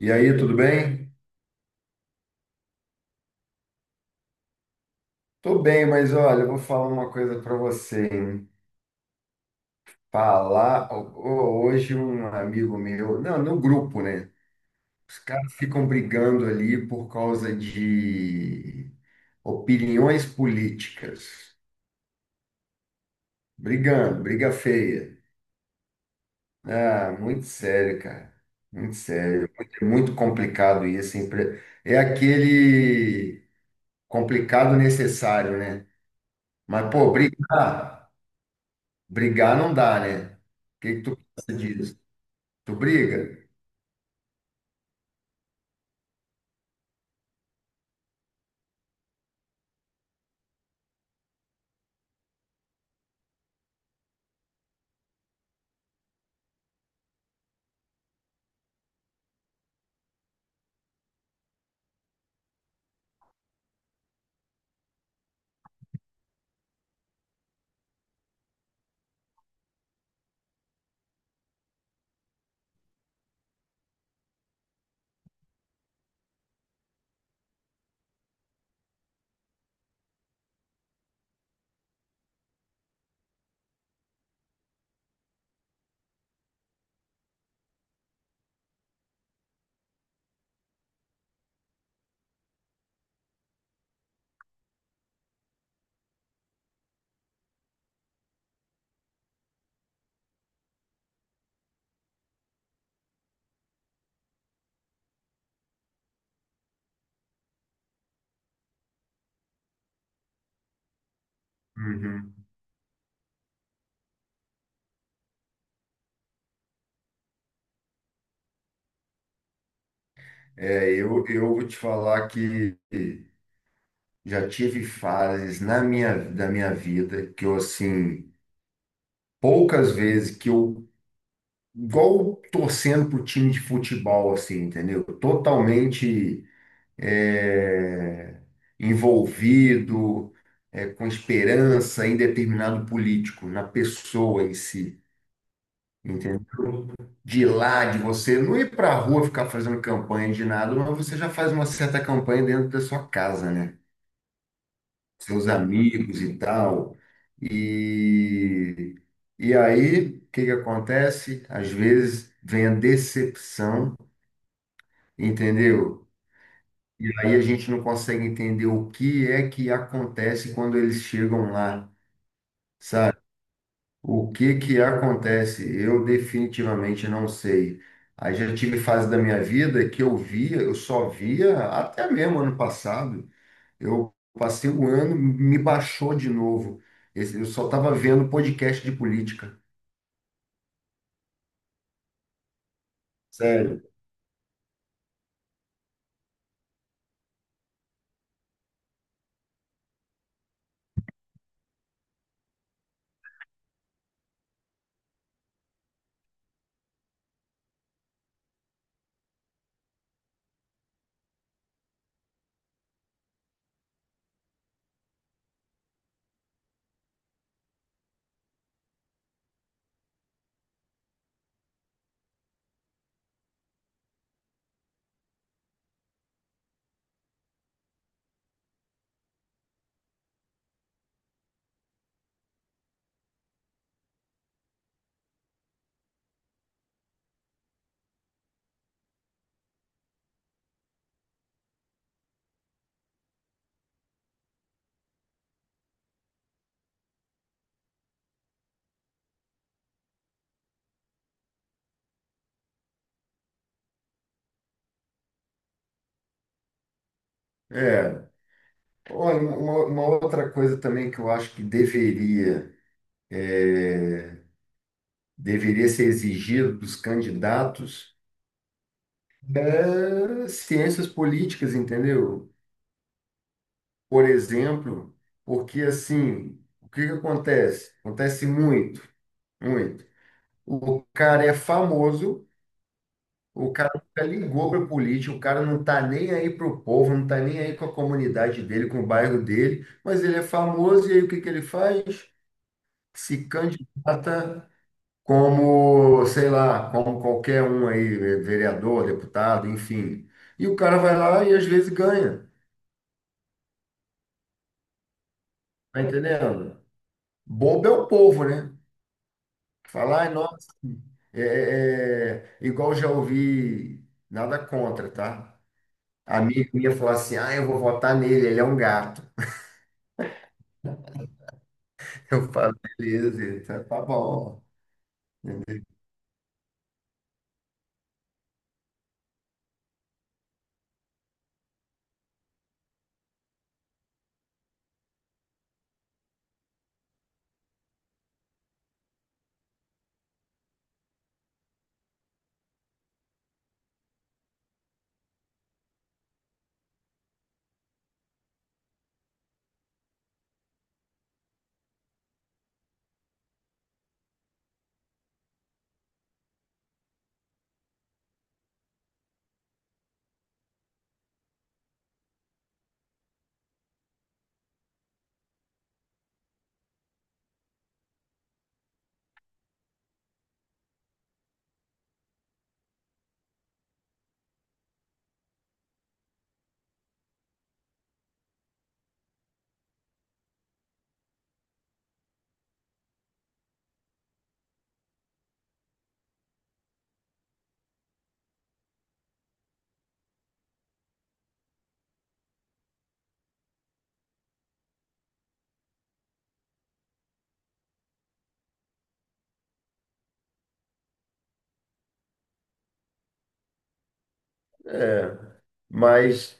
E aí, tudo bem? Tô bem, mas olha, eu vou falar uma coisa para você, hein? Falar, hoje um amigo meu, não, no grupo, né? Os caras ficam brigando ali por causa de opiniões políticas. Brigando, briga feia. Ah, muito sério, cara. Muito sério. Muito, muito complicado isso, hein? É aquele complicado necessário, né? Mas, pô, brigar. Brigar não dá, né? O que que tu pensa disso? Tu briga? Uhum. Eu vou te falar que já tive fases na minha vida que eu, assim, poucas vezes que eu, igual torcendo pro time de futebol, assim, entendeu? Totalmente é, envolvido, com esperança em determinado político, na pessoa em si. Entendeu? De lá, de você não ir para a rua ficar fazendo campanha de nada, mas você já faz uma certa campanha dentro da sua casa, né? Seus amigos e tal. E, e aí, o que que acontece? Às vezes vem a decepção, entendeu? E aí a gente não consegue entender o que é que acontece quando eles chegam lá. O que que acontece? Eu definitivamente não sei. Aí já tive fase da minha vida que eu via, eu só via até mesmo ano passado. Eu passei um ano, me baixou de novo. Eu só estava vendo podcast de política. Sério. É. Olha, uma outra coisa também que eu acho que é, deveria ser exigido dos candidatos é ciências políticas, entendeu? Por exemplo, porque assim, o que que acontece? Acontece muito, muito. O cara é famoso, o cara nunca ligou para política, o cara não tá nem aí para o povo, não tá nem aí com a comunidade dele, com o bairro dele, mas ele é famoso e aí o que que ele faz? Se candidata como, sei lá, como qualquer um aí, vereador, deputado, enfim. E o cara vai lá e às vezes ganha, tá entendendo? Bobo é o povo, né? Falar: "Ai, nossa, é, é, igual já ouvi, nada contra, tá? Amigo minha falar assim, ah, eu vou votar nele, ele é um gato." Eu falo, beleza, então tá bom. Mas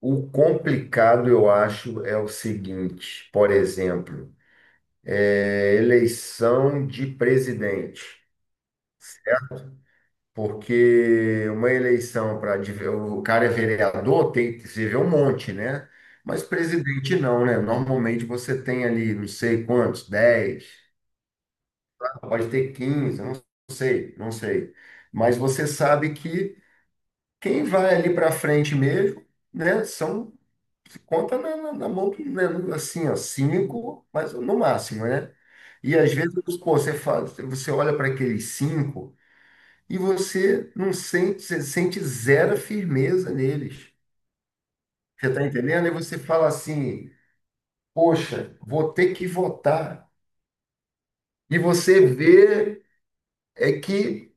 o complicado, eu acho, é o seguinte, por exemplo, eleição de presidente. Porque uma eleição para o cara é vereador, tem que se vê um monte, né? Mas presidente não, né? Normalmente você tem ali, não sei quantos, 10, pode ter 15, não sei, não sei. Mas você sabe que quem vai ali para frente mesmo, né, são se conta na mão, né, assim, ó, cinco, mas no máximo, né? E às vezes, pô, você fala, você olha para aqueles cinco e você não sente, você sente zero firmeza neles. Você está entendendo? E você fala assim, poxa, vou ter que votar. E você vê é que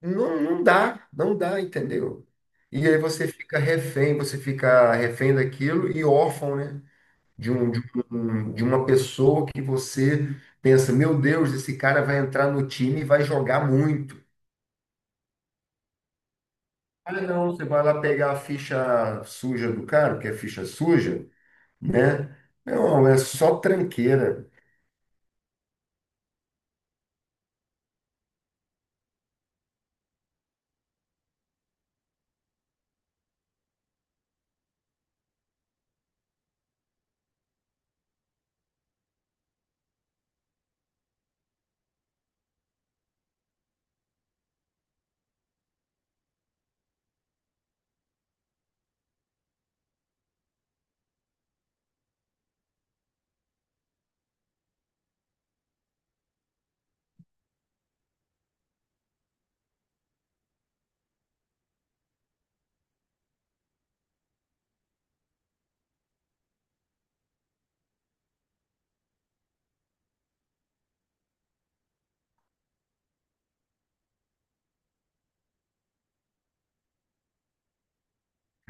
não dá, não dá, entendeu? E aí você fica refém daquilo e órfão, né? De um, de de uma pessoa que você pensa, meu Deus, esse cara vai entrar no time e vai jogar muito. Ah, não, você vai lá pegar a ficha suja do cara, porque é ficha suja, né? Não, é só tranqueira.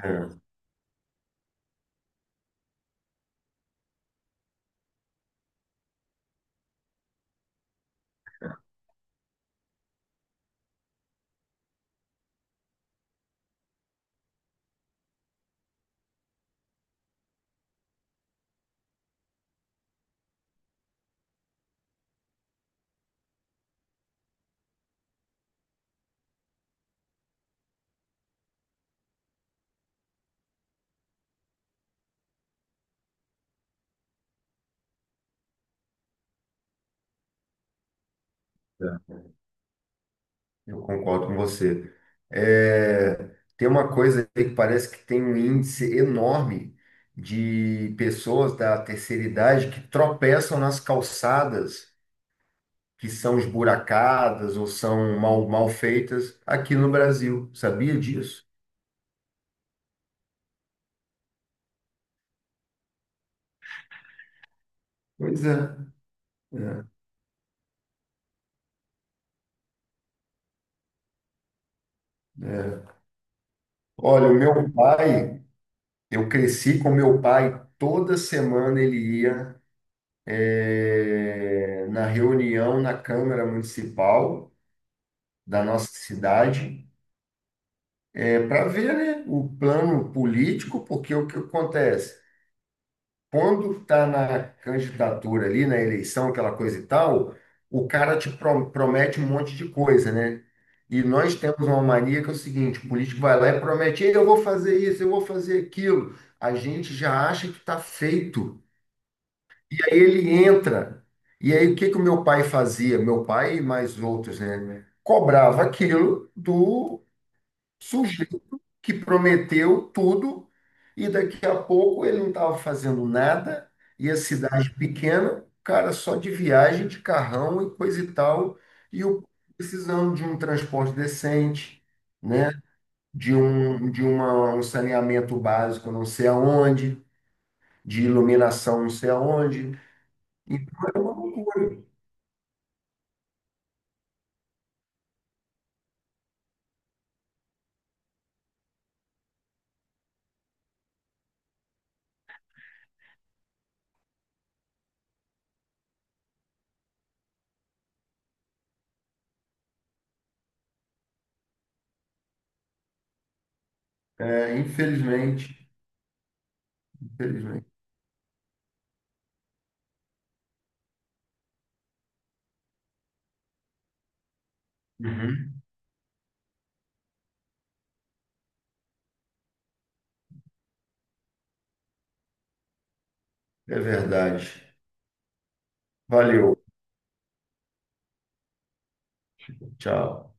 É, É, eu concordo com você. É, tem uma coisa aí que parece que tem um índice enorme de pessoas da terceira idade que tropeçam nas calçadas que são esburacadas ou são mal, mal feitas aqui no Brasil. Sabia disso? Pois é. É. Olha, o meu pai, eu cresci com meu pai, toda semana ele ia. Na reunião na Câmara Municipal da nossa cidade, para ver, né, o plano político, porque o que acontece? Quando está na candidatura ali, na eleição, aquela coisa e tal, o cara te promete um monte de coisa, né? E nós temos uma mania que é o seguinte, o político vai lá e promete: "Ei, eu vou fazer isso, eu vou fazer aquilo." A gente já acha que está feito. Aí ele entra. E aí o que que o meu pai fazia? Meu pai e mais outros, né? Cobrava aquilo do sujeito que prometeu tudo e daqui a pouco ele não estava fazendo nada, e a cidade pequena, cara, só de viagem, de carrão e coisa e tal, e o precisando de um transporte decente, né? De um, de uma, um saneamento básico, não sei aonde, de iluminação, não sei aonde. Então, é uma loucura. É, infelizmente, infelizmente, uhum. É verdade. Valeu, tchau.